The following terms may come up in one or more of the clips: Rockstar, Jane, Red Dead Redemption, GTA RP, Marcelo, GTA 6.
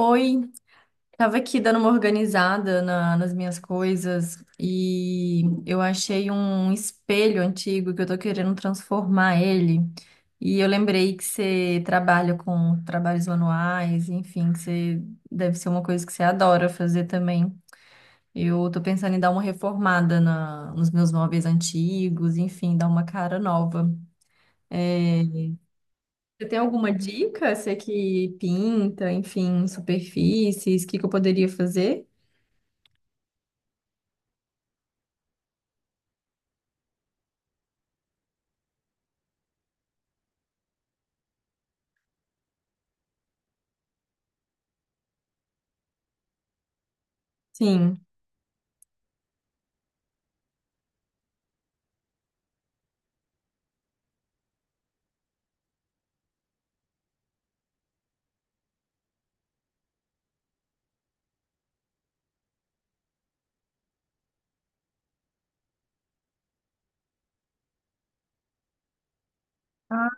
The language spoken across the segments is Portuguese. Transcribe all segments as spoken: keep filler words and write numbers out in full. Oi, tava aqui dando uma organizada na- nas minhas coisas e eu achei um espelho antigo que eu tô querendo transformar ele. E eu lembrei que você trabalha com trabalhos manuais, enfim, que você deve ser uma coisa que você adora fazer também. Eu tô pensando em dar uma reformada na- nos meus móveis antigos, enfim, dar uma cara nova. É, você tem alguma dica? Você que pinta, enfim, superfícies, o que que eu poderia fazer? Sim. Ah,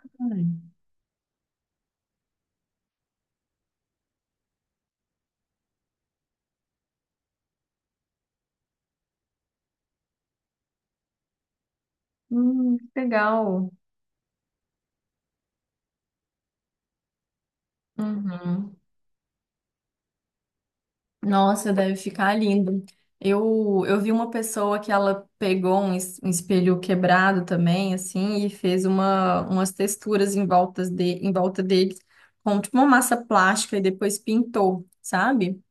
hum, que legal. Uhum. Nossa, deve ficar lindo. Eu, eu vi uma pessoa que ela pegou um, es- um espelho quebrado também, assim, e fez uma, umas texturas em voltas de, em volta dele, com tipo uma massa plástica, e depois pintou, sabe?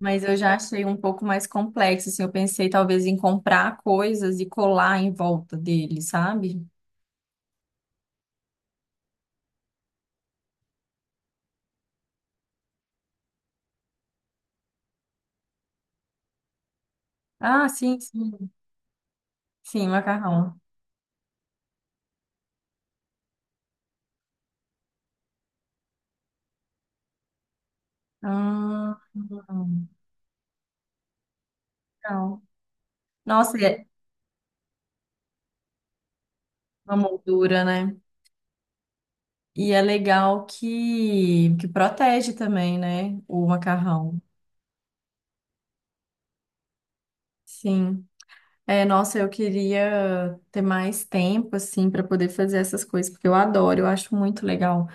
Mas eu já achei um pouco mais complexo, assim, eu pensei talvez em comprar coisas e colar em volta dele, sabe? Ah, sim, sim, sim, macarrão. Ah, legal. Nossa, e é uma moldura, né? E é legal que, que protege também, né? O macarrão. Sim. É, nossa, eu queria ter mais tempo, assim, para poder fazer essas coisas, porque eu adoro, eu acho muito legal.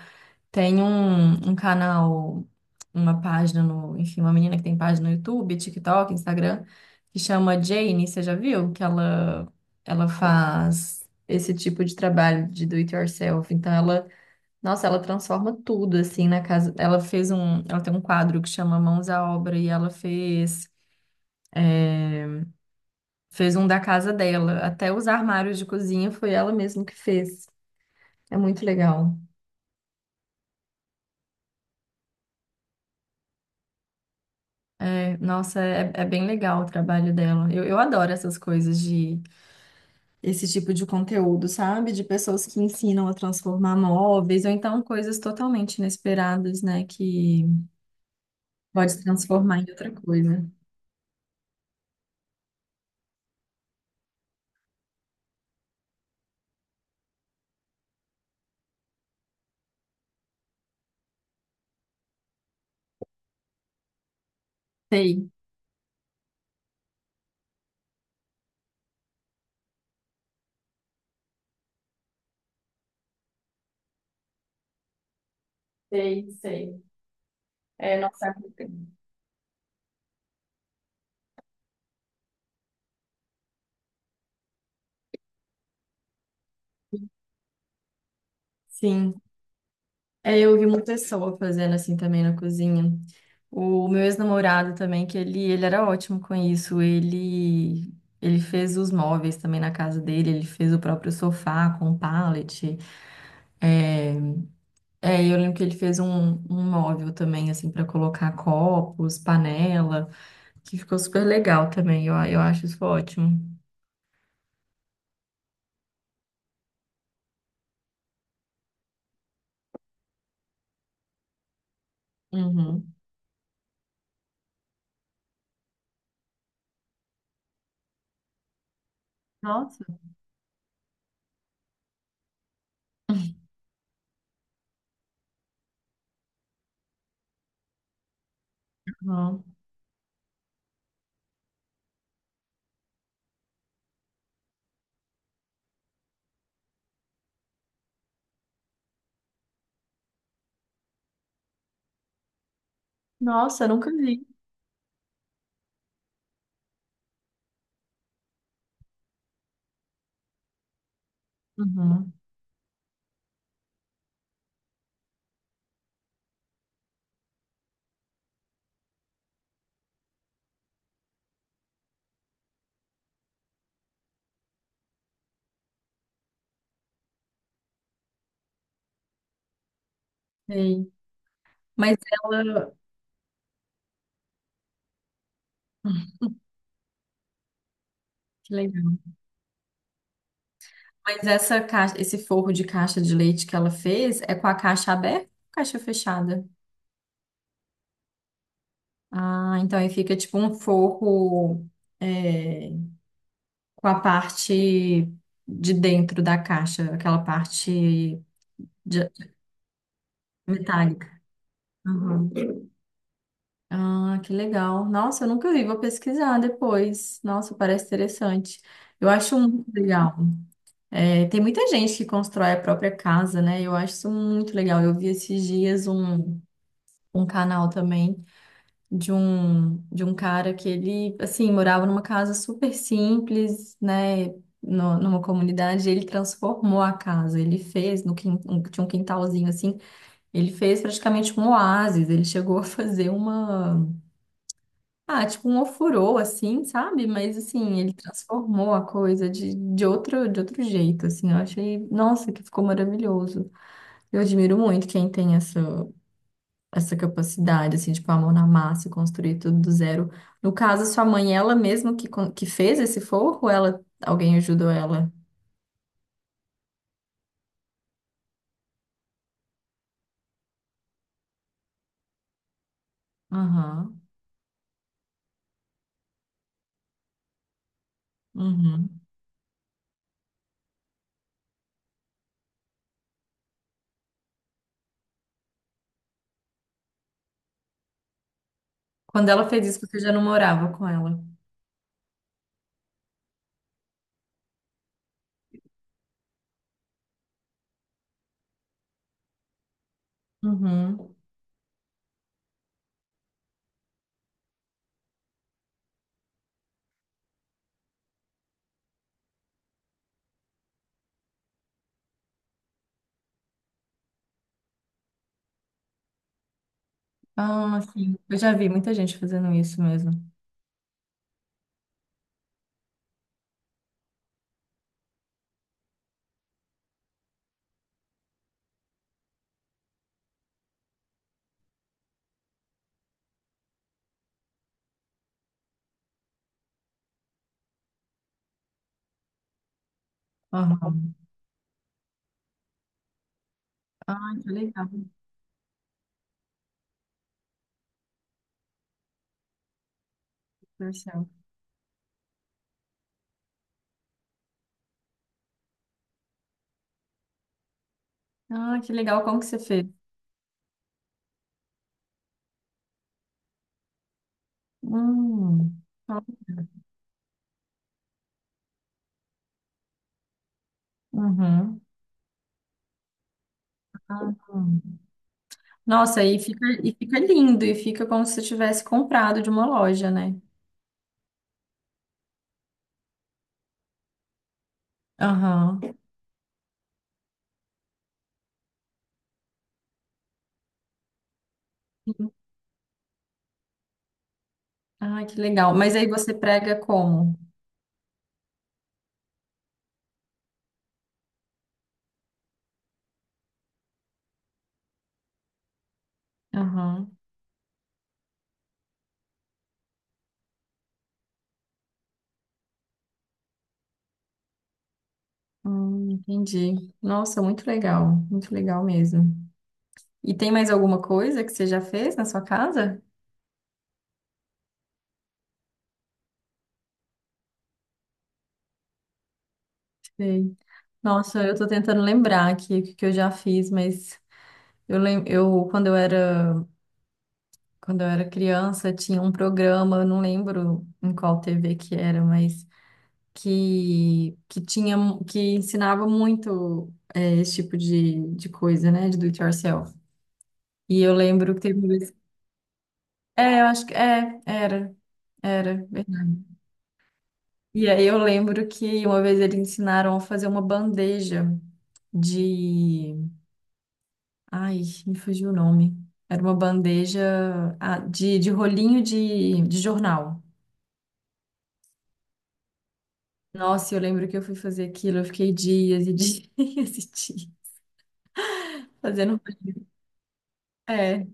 Tem um, um canal, uma página no, enfim, uma menina que tem página no YouTube, TikTok, Instagram, que chama Jane, você já viu? Que ela, ela faz esse tipo de trabalho de do it yourself. Então, ela... Nossa, ela transforma tudo assim na casa. Ela fez um, ela tem um quadro que chama Mãos à Obra e ela fez fez um da casa dela. Até os armários de cozinha foi ela mesma que fez. É muito legal. É, nossa, é, é bem legal o trabalho dela. Eu, eu adoro essas coisas de esse tipo de conteúdo, sabe? De pessoas que ensinam a transformar móveis ou então coisas totalmente inesperadas, né? Que pode transformar em outra coisa. Sei. Sei, sei. É, nossa. Sim. É, eu vi uma pessoa fazendo assim também na cozinha. O meu ex-namorado também, que ele, ele era ótimo com isso. Ele, ele fez os móveis também na casa dele, ele fez o próprio sofá com pallet. É, é, eu lembro que ele fez um, um móvel também, assim, para colocar copos, panela, que ficou super legal também. Eu, eu acho isso ótimo. Uhum. Nossa. Uhum. Nossa, eu nunca vi. Uhum. Sei. Mas ela... Que legal. Mas essa caixa, esse forro de caixa de leite que ela fez é com a caixa aberta ou caixa fechada? Ah, então aí fica tipo um forro é, com a parte de dentro da caixa, aquela parte de- metálica. Uhum. Ah, que legal. Nossa, eu nunca vi, vou pesquisar depois. Nossa, parece interessante. Eu acho muito legal. É, tem muita gente que constrói a própria casa, né? Eu acho isso muito legal. Eu vi esses dias um, um canal também, de um de um cara que ele assim morava numa casa super simples, né? no- numa comunidade, ele transformou a casa, ele fez no quin, um- tinha um quintalzinho assim, ele fez praticamente um oásis, ele chegou a fazer uma ah, tipo um ofurô assim, sabe? Mas assim, ele transformou a coisa de, de outro de outro jeito, assim, eu achei, nossa, que ficou maravilhoso. Eu admiro muito quem tem essa essa capacidade, assim, tipo, a mão na massa e construir tudo do zero. No caso, sua mãe, ela mesma que, con- que fez esse forro, ou ela, alguém ajudou ela? Aham, uhum. Quando ela fez isso, você já não morava com ela? Uhum. Ah, sim. Eu já vi muita gente fazendo isso mesmo. Aham. Ah, que legal, Marcelo. Ah, que legal. Como que você fez? Hum. Uhum. Ah, hum. Nossa, e fica, e fica lindo, e fica como se você tivesse comprado de uma loja, né? Aham. Sim. Ah, que legal. Mas aí você prega como? Aham. Hum, entendi. Nossa, muito legal. Muito legal mesmo. E tem mais alguma coisa que você já fez na sua casa? Sei. Nossa, eu tô tentando lembrar aqui o que que eu já fiz, mas eu lembro, eu quando eu era quando eu era criança tinha um programa, eu não lembro em qual T V que era, mas que que tinha que ensinava muito é, esse tipo de, de coisa, né, de do it yourself. E eu lembro que teve... É, eu acho que é, era, era. E aí eu lembro que uma vez eles ensinaram a fazer uma bandeja de, ai, me fugiu o nome. Era uma bandeja ah, de, de rolinho de, de jornal. Nossa, eu lembro que eu fui fazer aquilo, eu fiquei dias e dias e dias fazendo. É,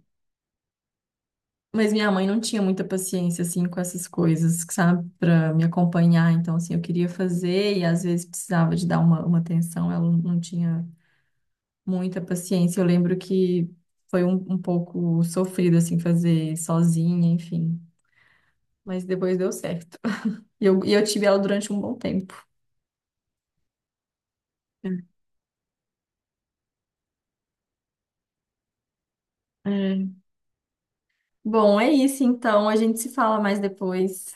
mas minha mãe não tinha muita paciência assim com essas coisas, sabe, para me acompanhar. Então, assim, eu queria fazer e às vezes precisava de dar uma, uma atenção, ela não tinha muita paciência. Eu lembro que foi um, um pouco sofrido, assim, fazer sozinha, enfim. Mas depois deu certo. E eu, e eu tive ela durante um bom tempo. É. Bom, é isso então. A gente se fala mais depois.